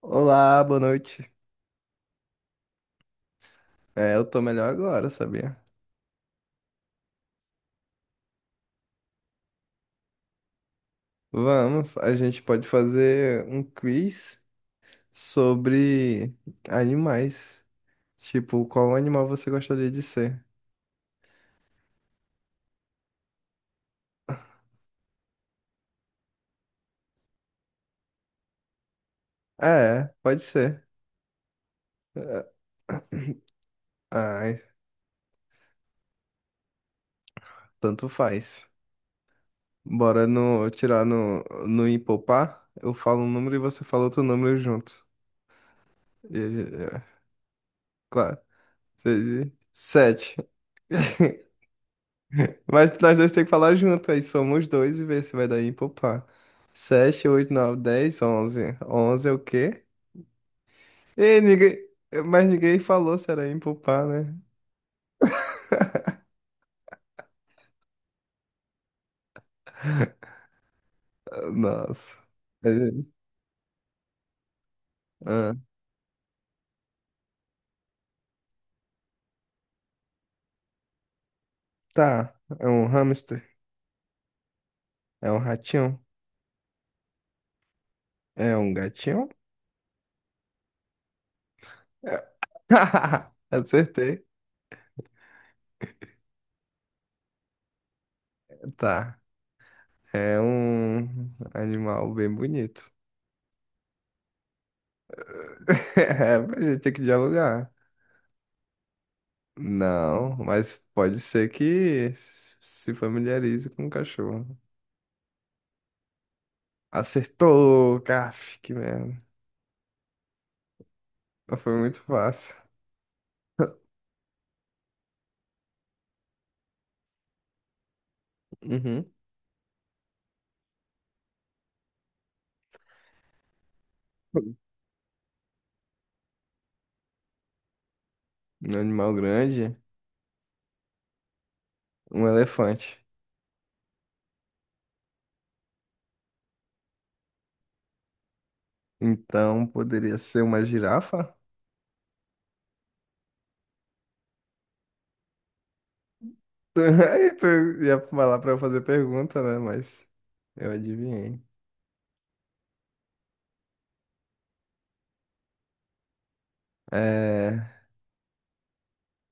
Olá, boa noite. É, eu tô melhor agora, sabia? Vamos, a gente pode fazer um quiz sobre animais. Tipo, qual animal você gostaria de ser? É, pode ser. É, ai, tanto faz. Bora no, tirar no, no empopar. Eu falo um número e você fala outro número junto. E a gen- é, claro. Seis e... sete. Mas nós dois temos que falar junto, aí somos dois e ver se vai dar ímpar ou par. 7, 8, 9, onze, 11. É o quê? E ninguém... Mas ninguém falou se era ímpar, né? Nossa. A gente- Ah, tá, é um hamster, é um ratinho, é um gatinho. É- Acertei. Tá, é um animal bem bonito. É, a gente tem que dialogar. Não, mas pode ser que se familiarize com o cachorro. Acertou, caf, que merda. Foi muito fácil. Uhum. Um animal grande, um elefante. Então poderia ser uma girafa? Aí tu ia falar pra eu fazer pergunta, né? Mas eu adivinhei. É,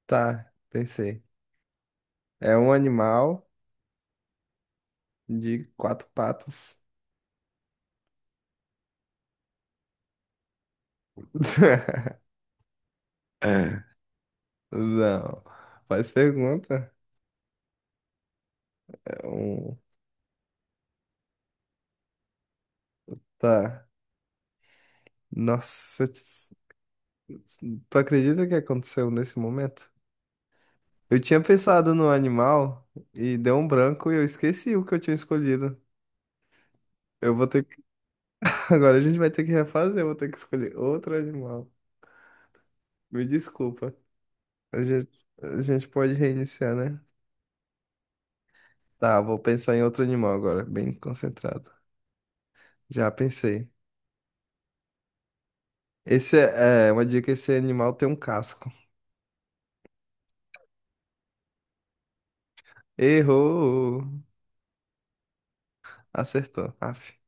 tá, pensei. É um animal de quatro patas. Não, faz pergunta. Um, tá. Nossa, tu acredita que aconteceu nesse momento? Eu tinha pensado no animal e deu um branco e eu esqueci o que eu tinha escolhido. Eu vou ter que... Agora a gente vai ter que refazer, eu vou ter que escolher outro animal. Me desculpa. A gente pode reiniciar, né? Tá, vou pensar em outro animal agora, bem concentrado. Já pensei. Esse é uma dica, esse animal tem um casco. Errou! Acertou. Aff.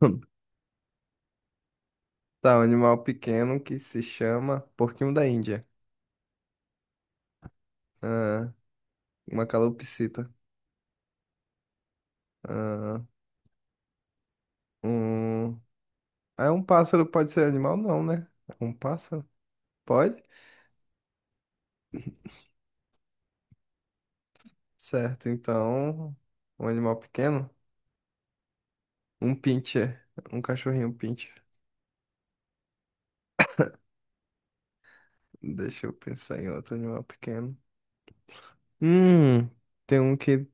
Tá, um animal pequeno que se chama porquinho da Índia. Ah, uma calopsita. Ah, um... Ah, um pássaro pode ser animal? Não, né? Um pássaro? Pode? Certo, então... Um animal pequeno? Um pincher. Um cachorrinho pincher. Deixa eu pensar em outro animal pequeno. Hum, tem um que...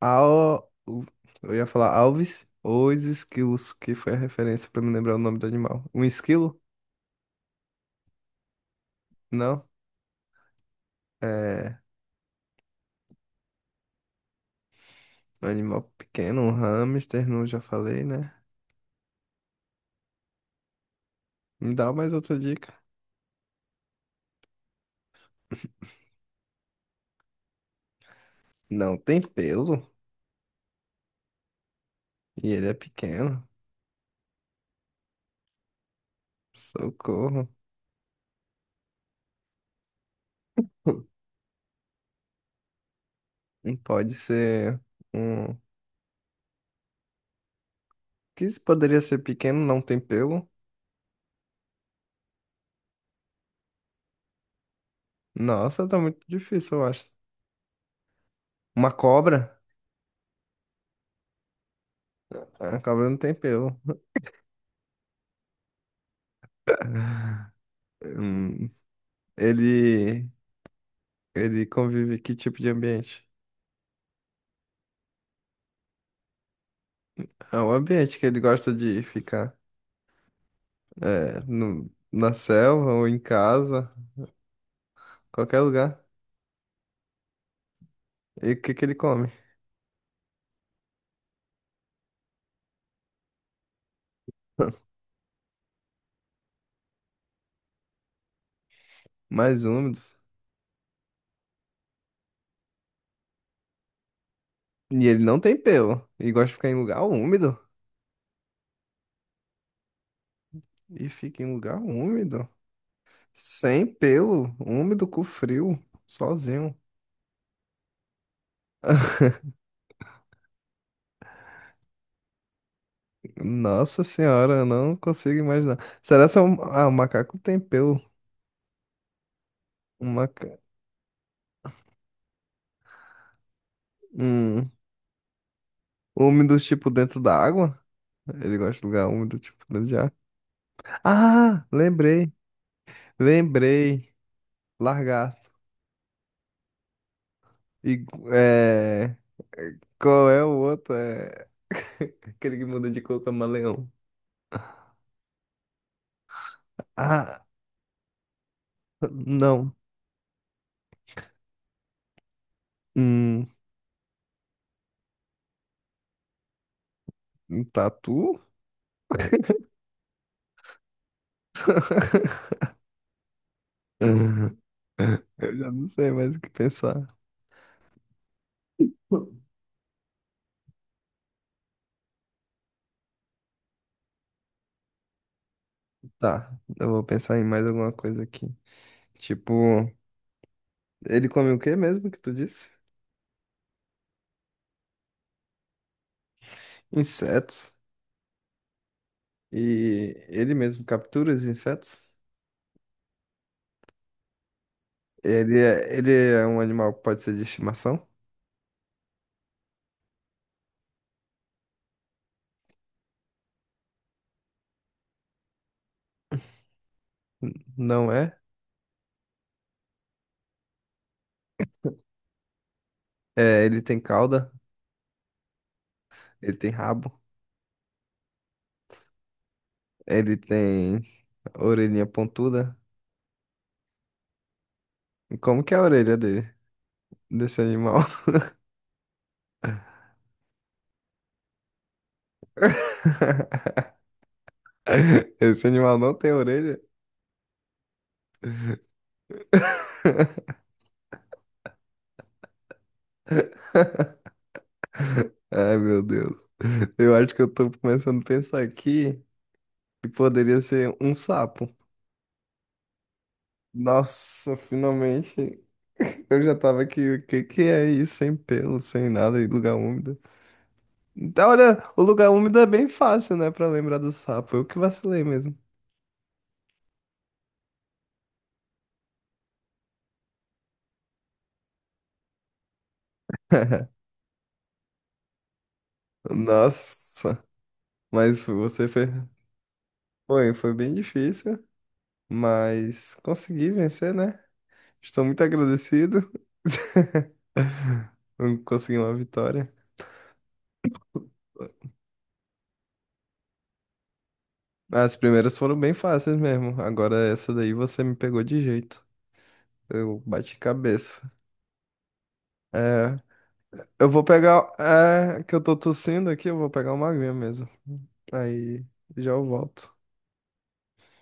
Al... o- Eu ia falar alves ou os esquilos, que foi a referência pra me lembrar o nome do animal. Um esquilo? Não? É... Um animal pequeno, um hamster, não já falei, né? Me dá mais outra dica. Não tem pelo e ele é pequeno. Socorro. Pode ser um. Que isso poderia ser pequeno, não tem pelo? Nossa, tá muito difícil, eu acho. Uma cobra? Ah, a cobra não tem pelo. Hum, Ele. Ele convive que tipo de ambiente? É um ambiente que ele gosta de ficar. É, no... na selva ou em casa, qualquer lugar. E o que que ele come? Mais úmidos. E ele não tem pelo. E gosta de ficar em lugar úmido. E fica em lugar úmido. Sem pelo, úmido, com frio, sozinho. Nossa senhora, eu não consigo imaginar. Será que é um... Ah, o macaco tem pelo. Um maca... um úmido, tipo, dentro da água? Ele gosta de lugar úmido, tipo, dentro de água. Ah, lembrei. Lembrei. Lagarto. E é... qual é o outro? É... Aquele que muda de cor, com camaleão. Ah, não. Hum, um tatu? Eu já não sei mais o que pensar. Tá, eu vou pensar em mais alguma coisa aqui. Tipo, ele come o que mesmo que tu disse? Insetos. E ele mesmo captura os insetos? Ele é um animal que pode ser de estimação? Não é? É, ele tem cauda, ele tem rabo, ele tem orelhinha pontuda. E como que é a orelha dele, desse animal? Esse animal não tem orelha? Ai, meu Deus. Eu acho que eu tô começando a pensar aqui que poderia ser um sapo. Nossa, finalmente. Eu já tava aqui. O que que é isso? Sem pelo, sem nada, e lugar úmido. Então, olha, o lugar úmido é bem fácil, né? Pra lembrar do sapo. Eu que vacilei mesmo. Nossa, mas você foi. Foi, foi bem difícil, mas consegui vencer, né? Estou muito agradecido. Consegui uma vitória. As primeiras foram bem fáceis mesmo. Agora essa daí você me pegou de jeito. Eu bati cabeça. É, eu vou pegar. É, que eu tô tossindo aqui, eu vou pegar uma aguinha mesmo. Aí já eu volto.